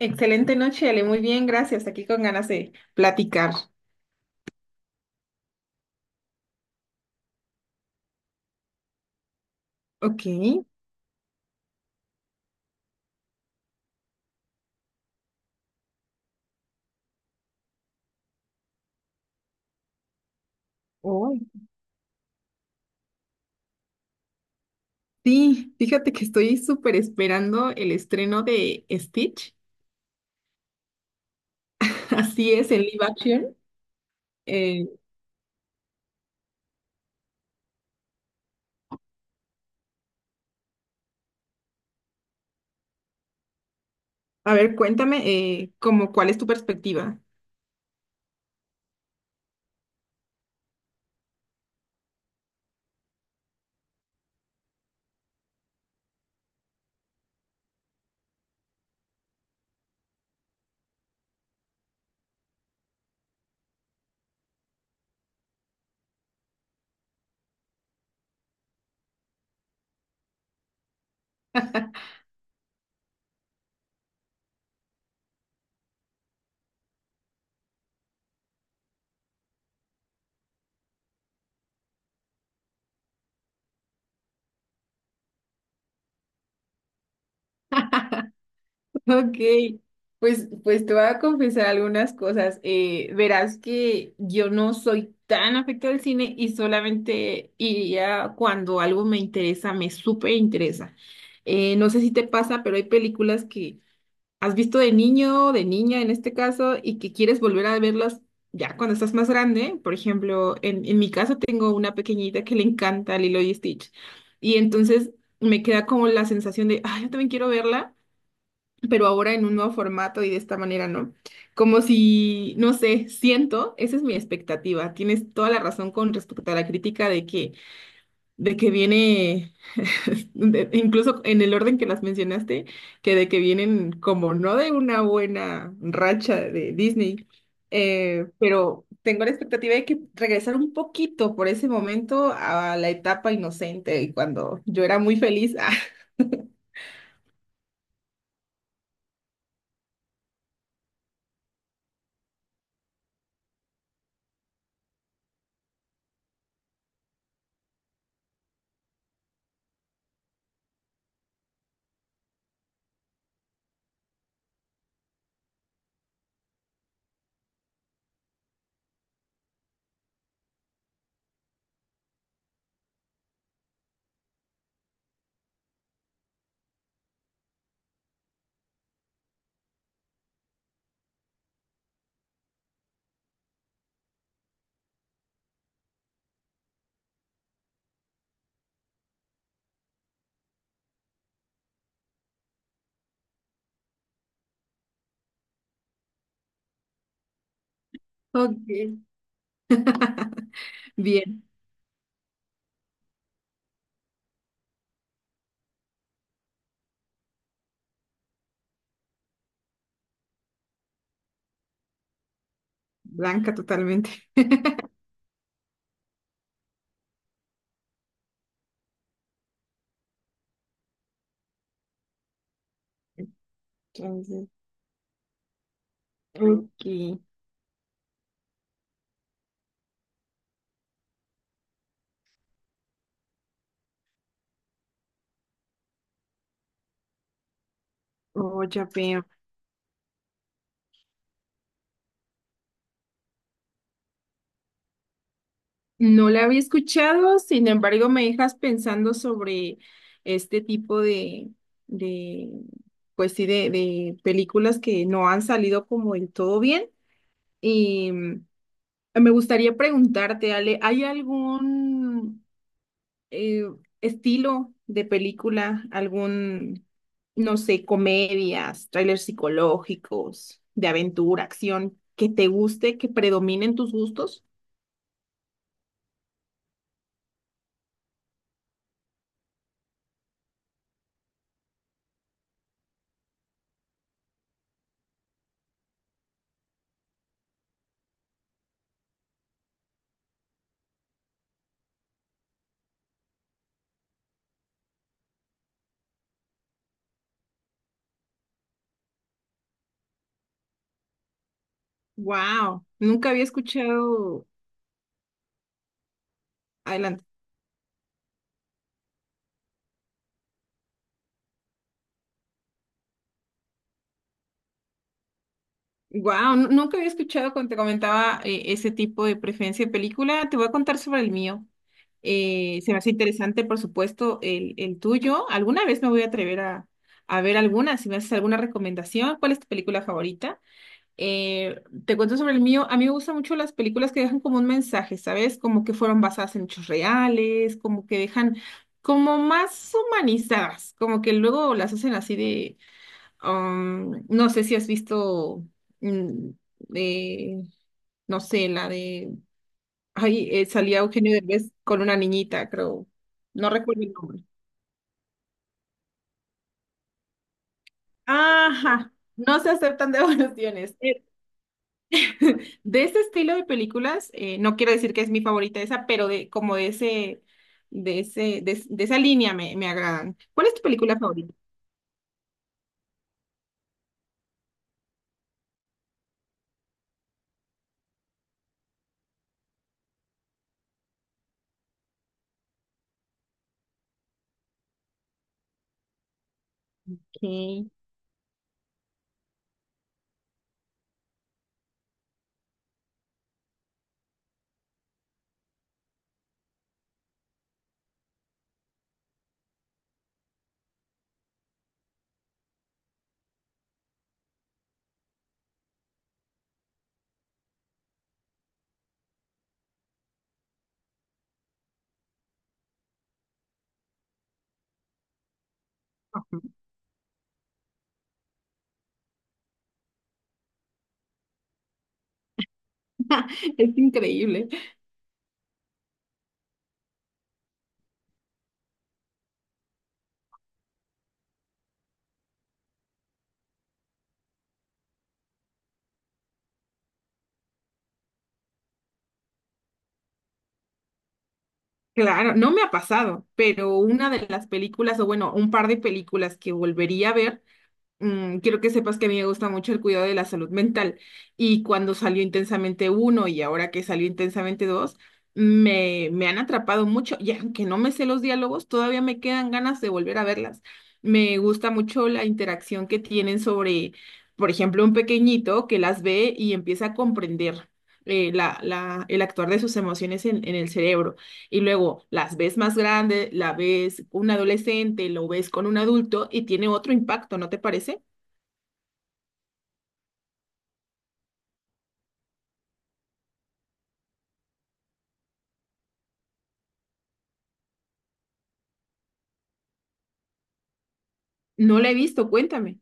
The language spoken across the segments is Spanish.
Excelente noche, Ale. Muy bien, gracias. Aquí con ganas de platicar. Ok. Oh, sí, fíjate que estoy súper esperando el estreno de Stitch. Así es, en live action. Eh, a ver, cuéntame, como, ¿cuál es tu perspectiva? Ok, pues te voy a confesar algunas cosas. Verás que yo no soy tan afecto al cine y solamente iría cuando algo me interesa, me súper interesa. No sé si te pasa, pero hay películas que has visto de niño, de niña en este caso, y que quieres volver a verlas ya cuando estás más grande. Por ejemplo, en mi caso tengo una pequeñita que le encanta Lilo y Stitch. Y entonces me queda como la sensación de, ay, yo también quiero verla pero ahora en un nuevo formato y de esta manera, ¿no? Como si, no sé, siento, esa es mi expectativa. Tienes toda la razón con respecto a la crítica de que viene, incluso en el orden que las mencionaste, que de que vienen como no de una buena racha de Disney, pero tengo la expectativa de que regresar un poquito por ese momento a la etapa inocente y cuando yo era muy feliz. Ah, ok. Bien. Blanca totalmente. Entonces, ok. Oh, ya veo. No la había escuchado, sin embargo, me dejas pensando sobre este tipo de pues sí, de películas que no han salido como del todo bien. Y me gustaría preguntarte, Ale, ¿hay algún eh, estilo de película, algún, no sé, comedias, trailers psicológicos, de aventura, acción, que te guste, que predominen tus gustos? Wow, nunca había escuchado, adelante. Wow, nunca había escuchado cuando te comentaba ese tipo de preferencia de película. Te voy a contar sobre el mío. Se me hace interesante, por supuesto, el tuyo. Alguna vez me voy a atrever a ver alguna, si me haces alguna recomendación. ¿Cuál es tu película favorita? Eh, Te cuento sobre el mío. A mí me gustan mucho las películas que dejan como un mensaje, ¿sabes? Como que fueron basadas en hechos reales, como que dejan como más humanizadas, como que luego las hacen así de, no sé si has visto, mm, de, no sé, la de, ay, salía Eugenio Derbez con una niñita, creo, no recuerdo el nombre. Ajá, no se aceptan devoluciones. De este estilo de películas, no quiero decir que es mi favorita esa, pero de como de ese, de ese, de esa línea me, me agradan. ¿Cuál es tu película favorita? Ok. Es increíble. Claro, no me ha pasado, pero una de las películas, o bueno, un par de películas que volvería a ver quiero que sepas que a mí me gusta mucho el cuidado de la salud mental y cuando salió Intensamente uno y ahora que salió Intensamente dos, me han atrapado mucho y aunque no me sé los diálogos, todavía me quedan ganas de volver a verlas. Me gusta mucho la interacción que tienen sobre, por ejemplo, un pequeñito que las ve y empieza a comprender la, la, el actuar de sus emociones en el cerebro. Y luego las ves más grande, la ves un adolescente, lo ves con un adulto y tiene otro impacto, ¿no te parece? No la he visto, cuéntame.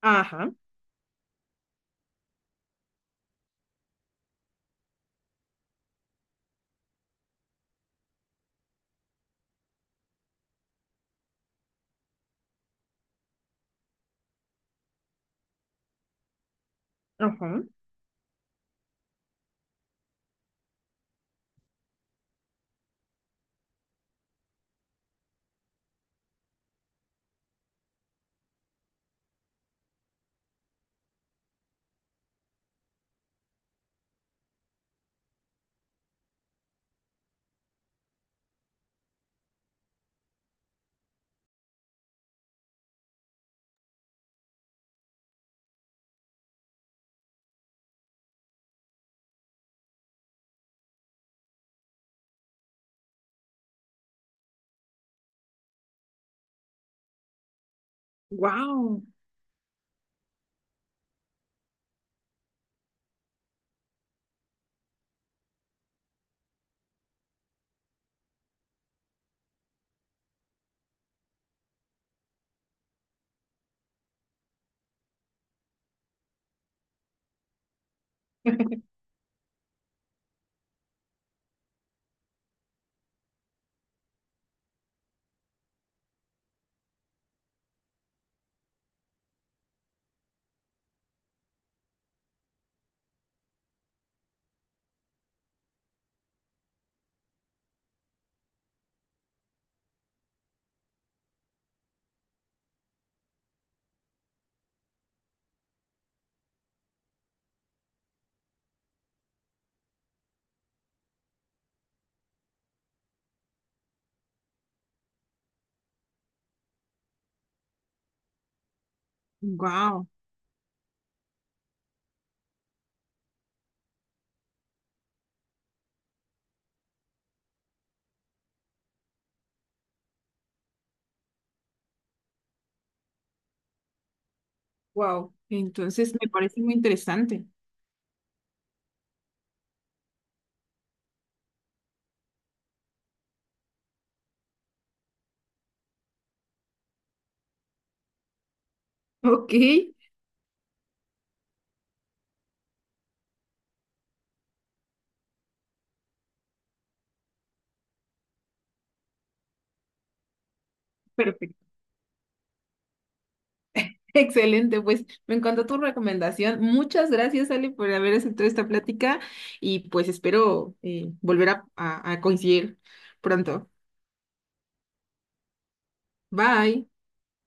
Ajá, ajá. Wow, wow, wow. Entonces me parece muy interesante. Ok, perfecto. Excelente, pues me encantó tu recomendación. Muchas gracias, Ale, por haber aceptado esta plática y pues espero volver a coincidir pronto. Bye.